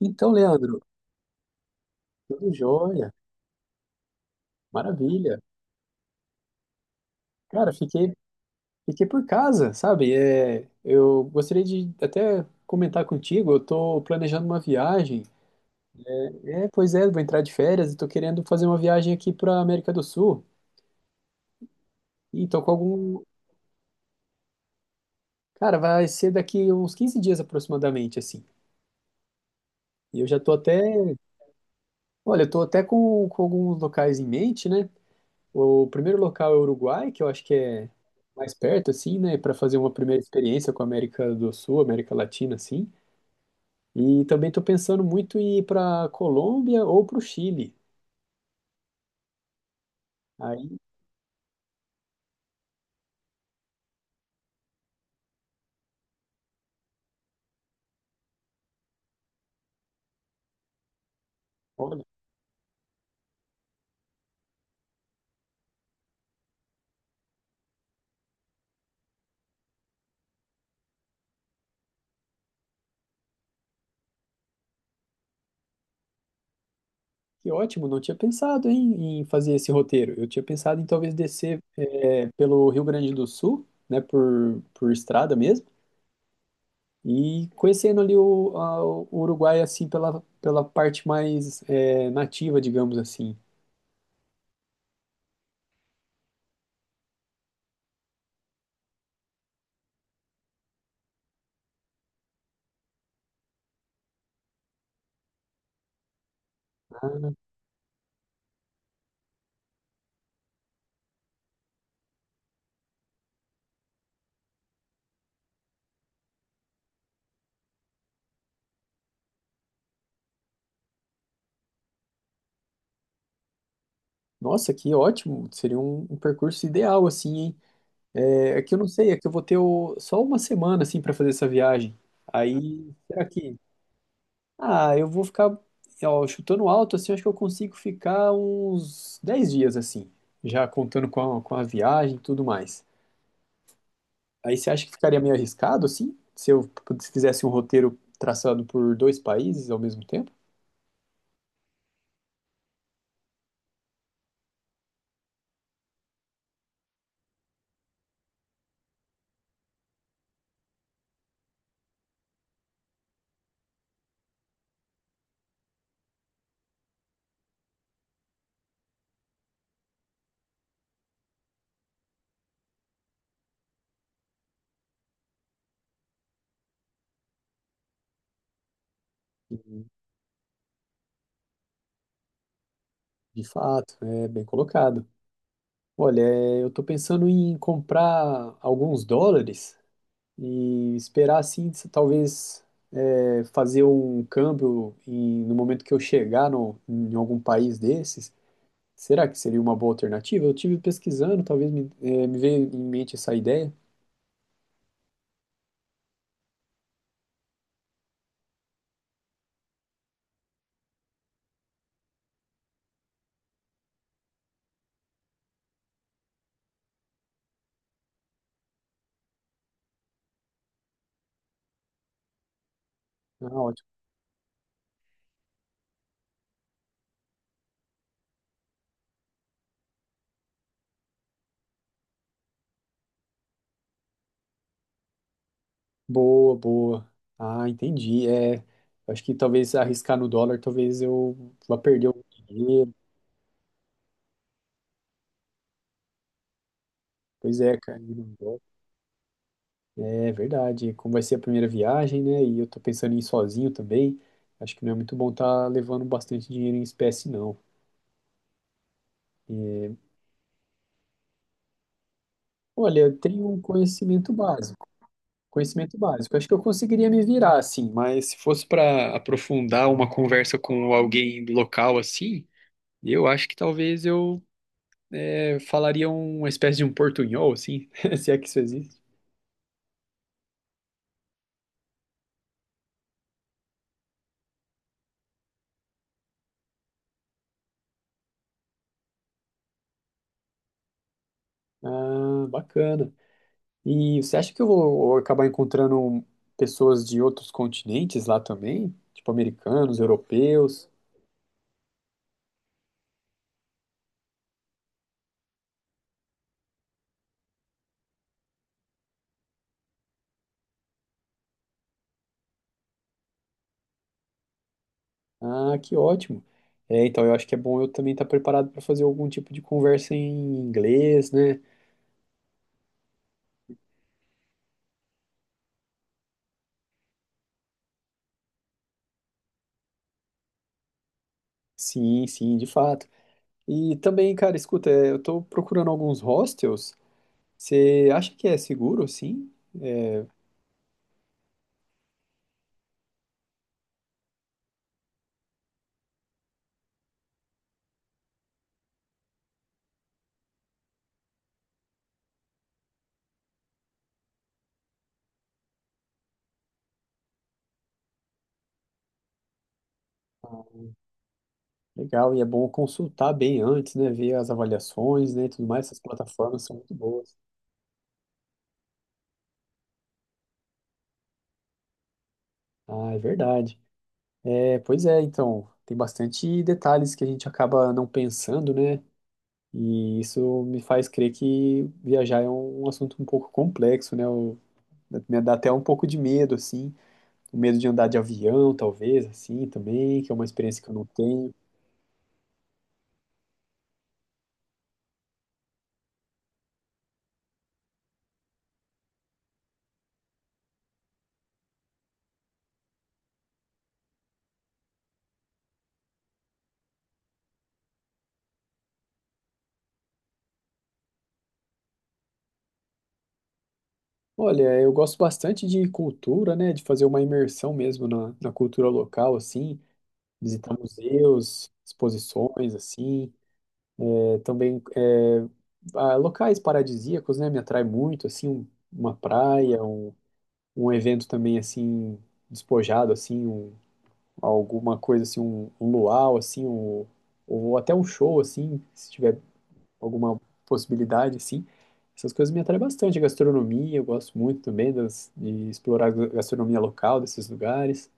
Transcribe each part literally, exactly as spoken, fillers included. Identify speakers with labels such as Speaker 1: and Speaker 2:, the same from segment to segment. Speaker 1: Então, Leandro, tudo jóia, maravilha. Cara, fiquei, fiquei por casa, sabe? É, eu gostaria de até comentar contigo, eu tô planejando uma viagem. É, pois é, vou entrar de férias e tô querendo fazer uma viagem aqui pra América do Sul. E tô com algum... Cara, vai ser daqui uns quinze dias aproximadamente, assim. E eu já tô até... Olha, eu tô até com, com alguns locais em mente, né? O primeiro local é o Uruguai, que eu acho que é mais perto, assim, né, para fazer uma primeira experiência com a América do Sul, América Latina, assim. E também estou pensando muito em ir para Colômbia ou para o Chile. Aí, olha, que ótimo, não tinha pensado em, em fazer esse roteiro. Eu tinha pensado em talvez descer é, pelo Rio Grande do Sul, né, por, por estrada mesmo, e conhecendo ali o, a- o Uruguai, assim, pela, pela parte mais é, nativa, digamos assim. Né. Nossa, que ótimo! Seria um, um percurso ideal, assim, hein? É, é que eu não sei, é que eu vou ter o- só uma semana, assim, para fazer essa viagem. Aí, será que... Ah, eu vou ficar, ó, chutando alto, assim, acho que eu consigo ficar uns dez dias, assim, já contando com a, com a viagem e tudo mais. Aí você acha que ficaria meio arriscado, assim, se eu se fizesse um roteiro traçado por dois países ao mesmo tempo? De fato, é bem colocado. Olha, é, eu tô pensando em comprar alguns dólares e esperar assim, se- talvez é, fazer um câmbio em- no momento que eu chegar no- em algum país desses. Será que seria uma boa alternativa? Eu tive pesquisando, talvez me, é, me veio em mente essa ideia. Ah, ótimo. Boa, boa. Ah, entendi. É, acho que talvez arriscar no dólar, talvez eu vá perder algum dinheiro. Pois é, cara. É verdade, como vai ser a primeira viagem, né? E eu tô pensando em ir sozinho também. Acho que não é muito bom estar tá levando bastante dinheiro em espécie, não. É. Olha, eu tenho um conhecimento básico. Conhecimento básico. Acho que eu conseguiria me virar, assim, mas se fosse para aprofundar uma conversa com alguém local, assim, eu acho que talvez eu é, falaria um, uma espécie de um portunhol, assim, se é que isso existe. Ah, bacana. E você acha que eu vou acabar encontrando pessoas de outros continentes lá também? Tipo americanos, europeus? Ah, que ótimo. É, então eu acho que é bom eu também estar preparado para fazer algum tipo de conversa em inglês, né? Sim, sim, de fato. E também, cara, escuta, é, eu tô procurando alguns hostels. Você acha que é seguro, sim? Legal, e é bom consultar bem antes, né? Ver as avaliações, né, e tudo mais. Essas plataformas são muito boas. Ah, é verdade. É, pois é, então, tem bastante detalhes que a gente acaba não pensando, né? E isso me faz crer que viajar é um, um assunto um pouco complexo, né? Eu- me dá até um pouco de medo, assim, o medo de andar de avião, talvez, assim, também, que é uma experiência que eu não tenho. Olha, eu gosto bastante de cultura, né? De fazer uma imersão mesmo na, na cultura local, assim, visitar museus, exposições, assim. Também é, ah, locais paradisíacos, né, me atrai muito, assim, um- uma praia, um, um evento também, assim, despojado, assim, um- alguma coisa, assim, um, um luau, assim, um- ou até um show, assim, se tiver alguma possibilidade, assim, essas coisas me atraem bastante, a gastronomia, eu gosto muito também das- de explorar a gastronomia local desses lugares.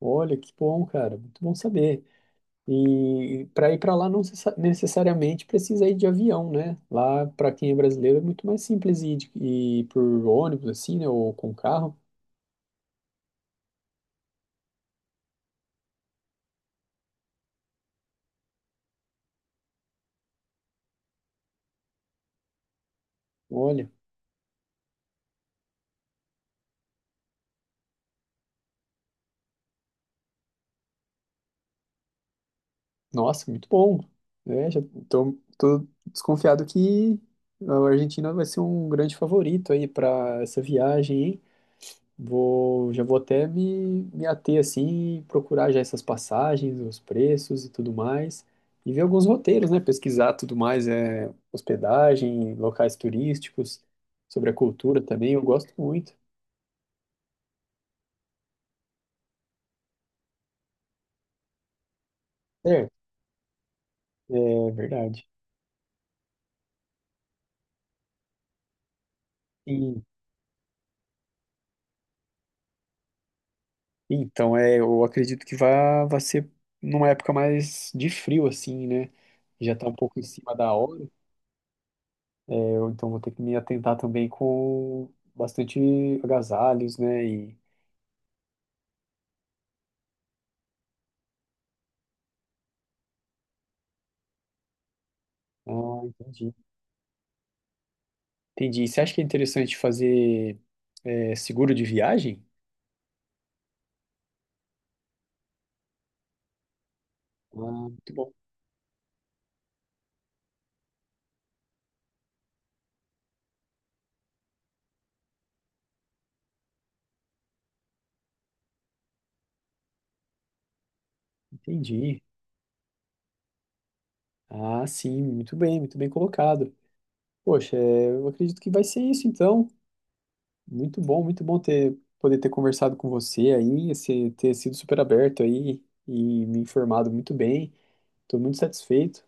Speaker 1: Olha, que bom, cara, muito bom saber. E para ir para lá não necessa- necessariamente precisa ir de avião, né? Lá, para quem é brasileiro, é muito mais simples ir, de- ir por ônibus, assim, né? Ou com carro. Olha, nossa, muito bom. É, já tô, tô desconfiado que a Argentina vai ser um grande favorito aí para essa viagem, hein? Vou, já vou até me, me ater assim, e procurar já essas passagens, os preços e tudo mais, e ver alguns roteiros, né? Pesquisar tudo mais, é, hospedagem, locais turísticos, sobre a cultura também, eu gosto muito. Certo, é verdade. E, então, é, eu acredito que vai, vai ser numa época mais de frio, assim, né? Já tá um pouco em cima da hora, é, eu, então vou ter que me atentar também com bastante agasalhos, né? E, ah, entendi. Entendi. Você acha que é interessante fazer é, seguro de viagem? Ah, muito bom. Entendi. Ah, sim, muito bem, muito bem colocado. Poxa, é, eu acredito que vai ser isso então. Muito bom, muito bom ter poder ter conversado com você aí, você ter sido super aberto aí e me informado muito bem. Estou muito satisfeito.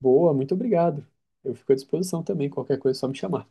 Speaker 1: Boa, muito obrigado. Eu fico à disposição também, qualquer coisa é só me chamar.